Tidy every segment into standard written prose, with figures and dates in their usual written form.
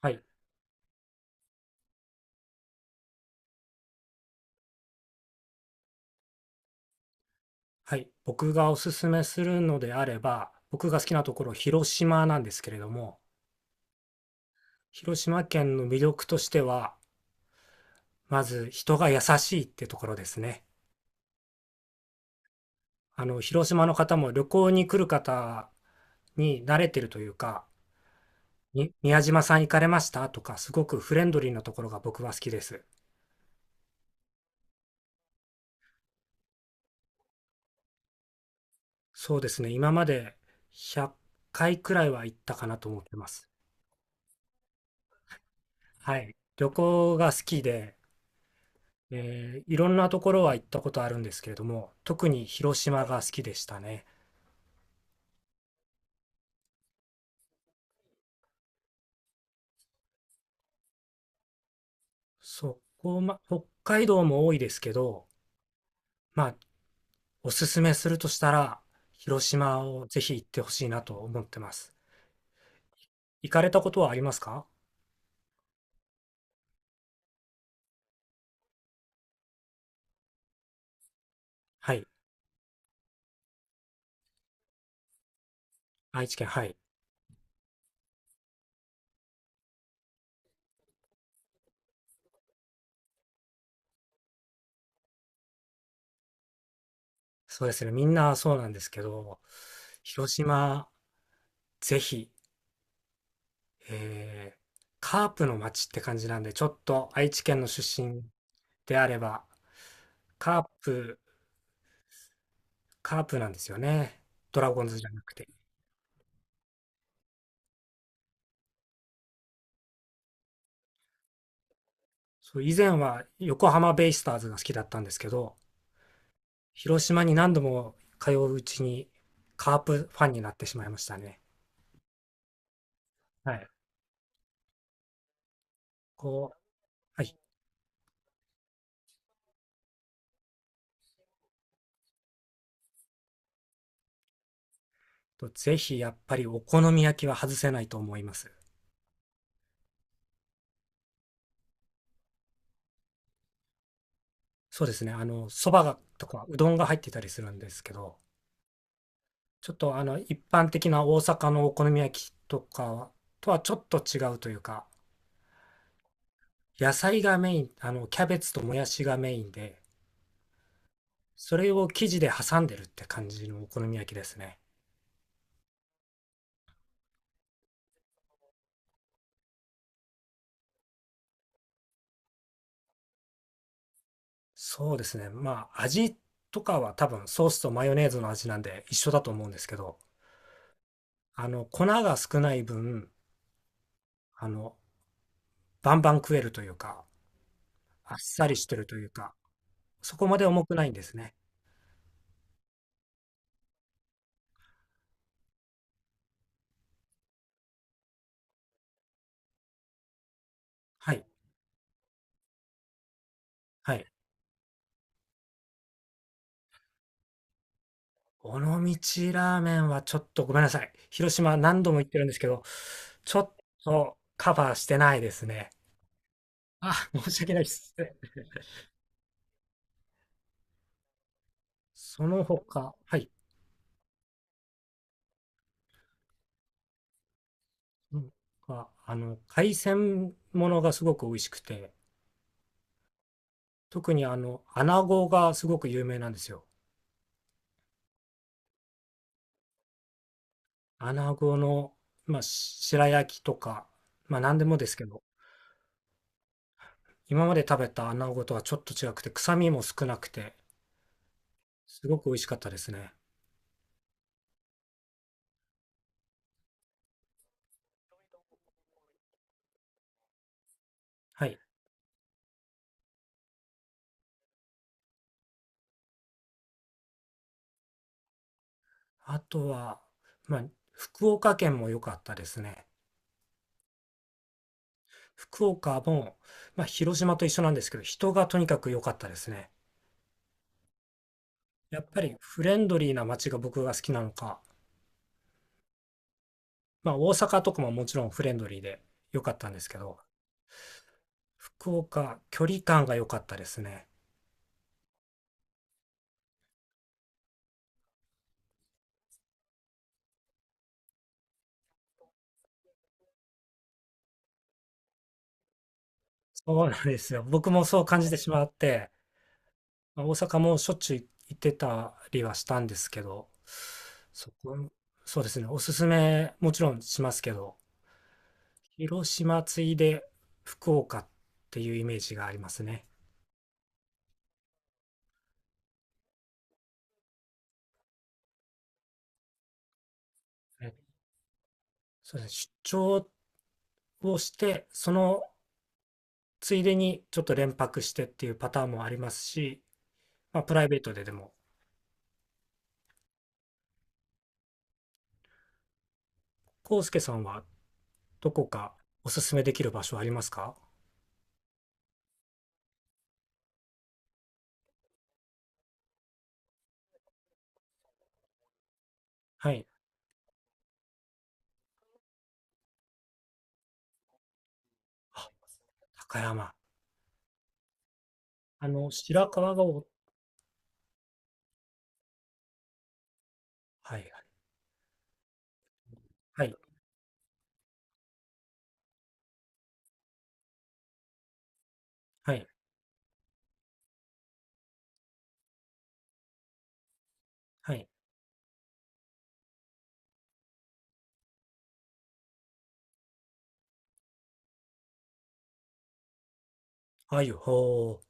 はい。はい。僕がおすすめするのであれば、僕が好きなところ、広島なんですけれども、広島県の魅力としては、まず人が優しいってところですね。広島の方も旅行に来る方に慣れてるというか、に宮島さん行かれましたとか、すごくフレンドリーなところが僕は好きです。そうですね。今まで100回くらいは行ったかなと思ってます。はい。旅行が好きで、いろんなところは行ったことあるんですけれども、特に広島が好きでしたね。そこ、ま、北海道も多いですけど、まあ、おすすめするとしたら、広島をぜひ行ってほしいなと思ってます。行かれたことはありますか？はい。愛知県、はい。そうですね。みんなそうなんですけど、広島、ぜひ、えーカープの街って感じなんで、ちょっと愛知県の出身であれば、カープカープなんですよね。ドラゴンズじゃなくて。そう、以前は横浜ベイスターズが好きだったんですけど、広島に何度も通ううちにカープファンになってしまいましたね。はい。こう、はい。とぜひやっぱりお好み焼きは外せないと思います。そうですね。そばがとかうどんが入ってたりするんですけど、ちょっと一般的な大阪のお好み焼きとかとはちょっと違うというか、野菜がメイン、キャベツともやしがメインで、それを生地で挟んでるって感じのお好み焼きですね。そうですね。まあ、味とかは多分ソースとマヨネーズの味なんで一緒だと思うんですけど、粉が少ない分、あの、バンバン食えるというか、あっさりしてるというか、そこまで重くないんですね。はい。はい。尾道ラーメンはちょっとごめんなさい。広島何度も行ってるんですけど、ちょっとカバーしてないですね。あ、申し訳ないです。その他、はい。なんか海鮮ものがすごく美味しくて、特に穴子がすごく有名なんですよ。穴子の、まあ、し白焼きとか、まあ、何でもですけど、今まで食べた穴子とはちょっと違くて、臭みも少なくて、すごく美味しかったですね。はい。あとは、まあ、福岡県も良かったですね。福岡も、まあ、広島と一緒なんですけど、人がとにかく良かったですね。やっぱりフレンドリーな街が僕が好きなのか、まあ大阪とかももちろんフレンドリーで良かったんですけど、福岡、距離感が良かったですね。そうなんですよ。僕もそう感じてしまって、まあ大阪もしょっちゅう行ってたりはしたんですけど、そこ、そうですね。おすすめもちろんしますけど、広島ついで福岡っていうイメージがありますね。えそうですね。出張をして、そのついでにちょっと連泊してっていうパターンもありますし、まあプライベートででも康介さんはどこかおすすめできる場所ありますか？はい。あ、高山。白川がお、はい、はい、はい、はい。あゆ、ほう、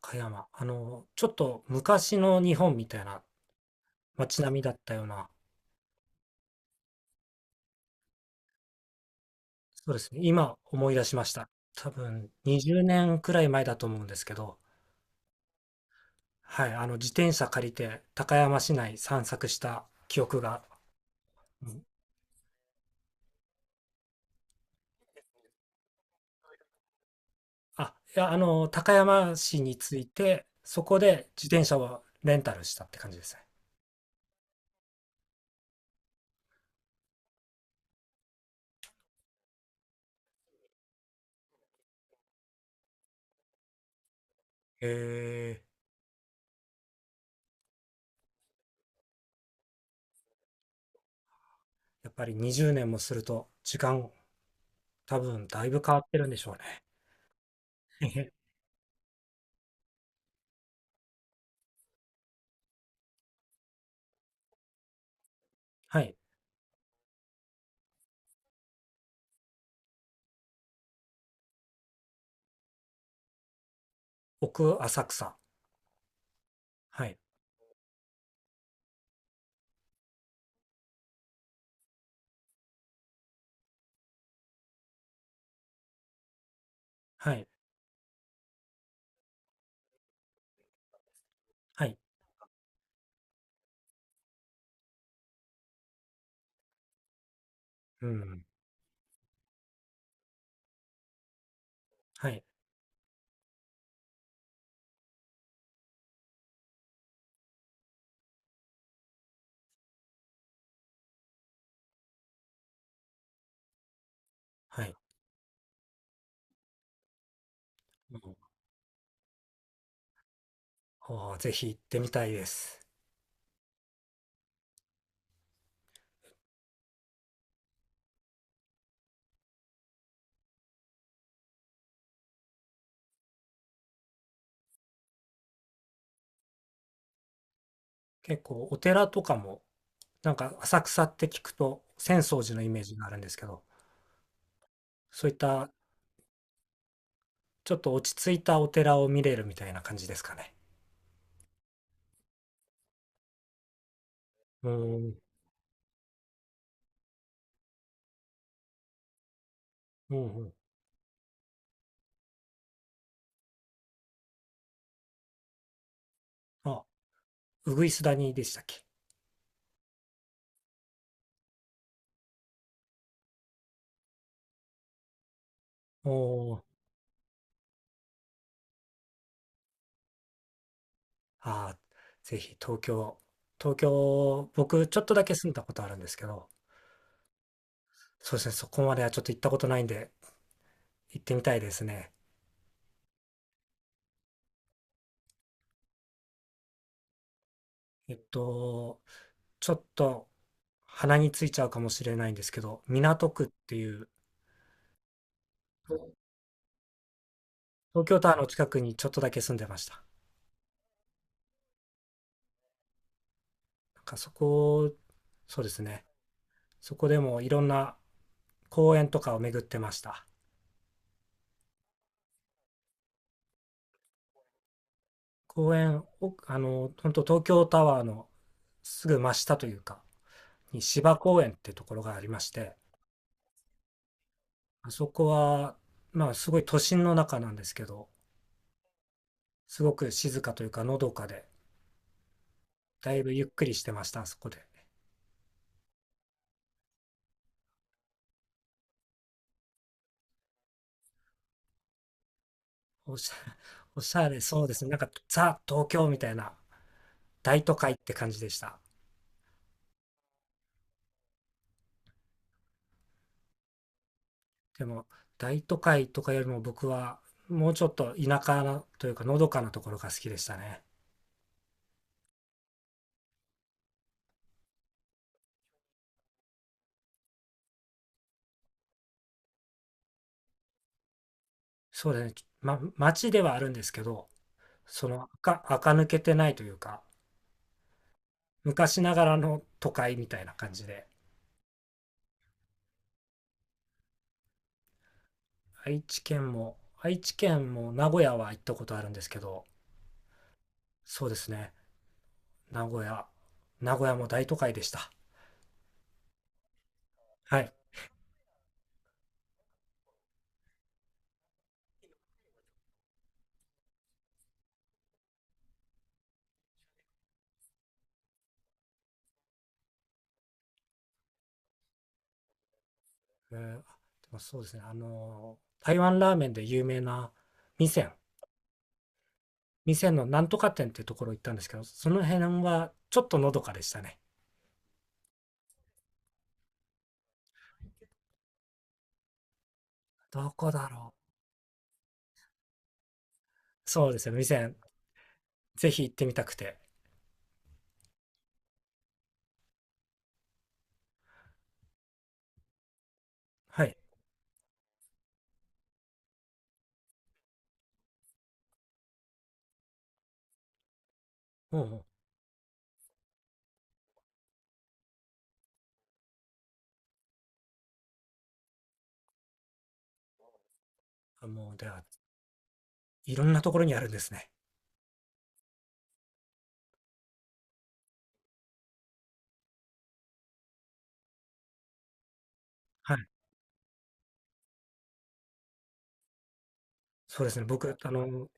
高山。ちょっと昔の日本みたいな街並みだったような、そうですね。今思い出しました。多分20年くらい前だと思うんですけど、はい、自転車借りて高山市内散策した記憶があ、いや、高山市に着いて、そこで自転車をレンタルしたって感じですね。へえやっぱり20年もすると、時間、多分だいぶ変わってるんでしょうね。へへはい。奥浅草。はい。はい。はい。うん。はい。はい。うん、あーぜひ行ってみたいです。結構、お寺とかも、なんか浅草って聞くと、浅草寺のイメージがあるんですけど、そういった、ちょっと落ち着いたお寺を見れるみたいな感じですかね。うん。うんうん。あ、ウグイスダニでしたっけ？おー。あー、ぜひ東京、東京、僕ちょっとだけ住んだことあるんですけど、そうですね、そこまではちょっと行ったことないんで、行ってみたいですね。えっと、ちょっと鼻についちゃうかもしれないんですけど、港区っていう、東京タワーの近くにちょっとだけ住んでました。なんかそこ、そうですね、そこでもいろんな公園とかを巡ってました。公園、お本当東京タワーのすぐ真下というか、に芝公園ってところがありまして、あそこは、まあすごい都心の中なんですけど、すごく静かというか、のどかで、だいぶゆっくりしてました、あそこで。おしゃ、おしゃれ、そうですね。なんかザ・東京みたいな大都会って感じでした。でも、大都会とかよりも僕は、もうちょっと田舎なというか、のどかなところが好きでしたね。そうですね。ま、街ではあるんですけど、その垢、垢抜けてないというか、昔ながらの都会みたいな感じで、愛知県も、愛知県も名古屋は行ったことあるんですけど、そうですね、名古屋、名古屋も大都会でした。はい。でもそうですね、台湾ラーメンで有名な味仙、味仙のなんとか店っていうところ行ったんですけど、その辺はちょっとのどかでしたね。どこだろう。そうですね、味仙、ぜひ行ってみたくて。はい。もう、あもう、ではいろんなところにあるんですね。はい。そうですね、僕、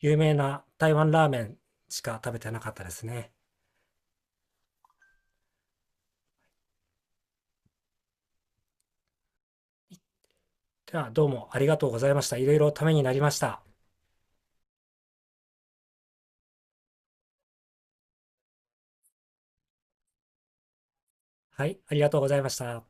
有名な台湾ラーメンしか食べてなかったですね。では、どうもありがとうございました。いろいろためになりました。はい、ありがとうございました。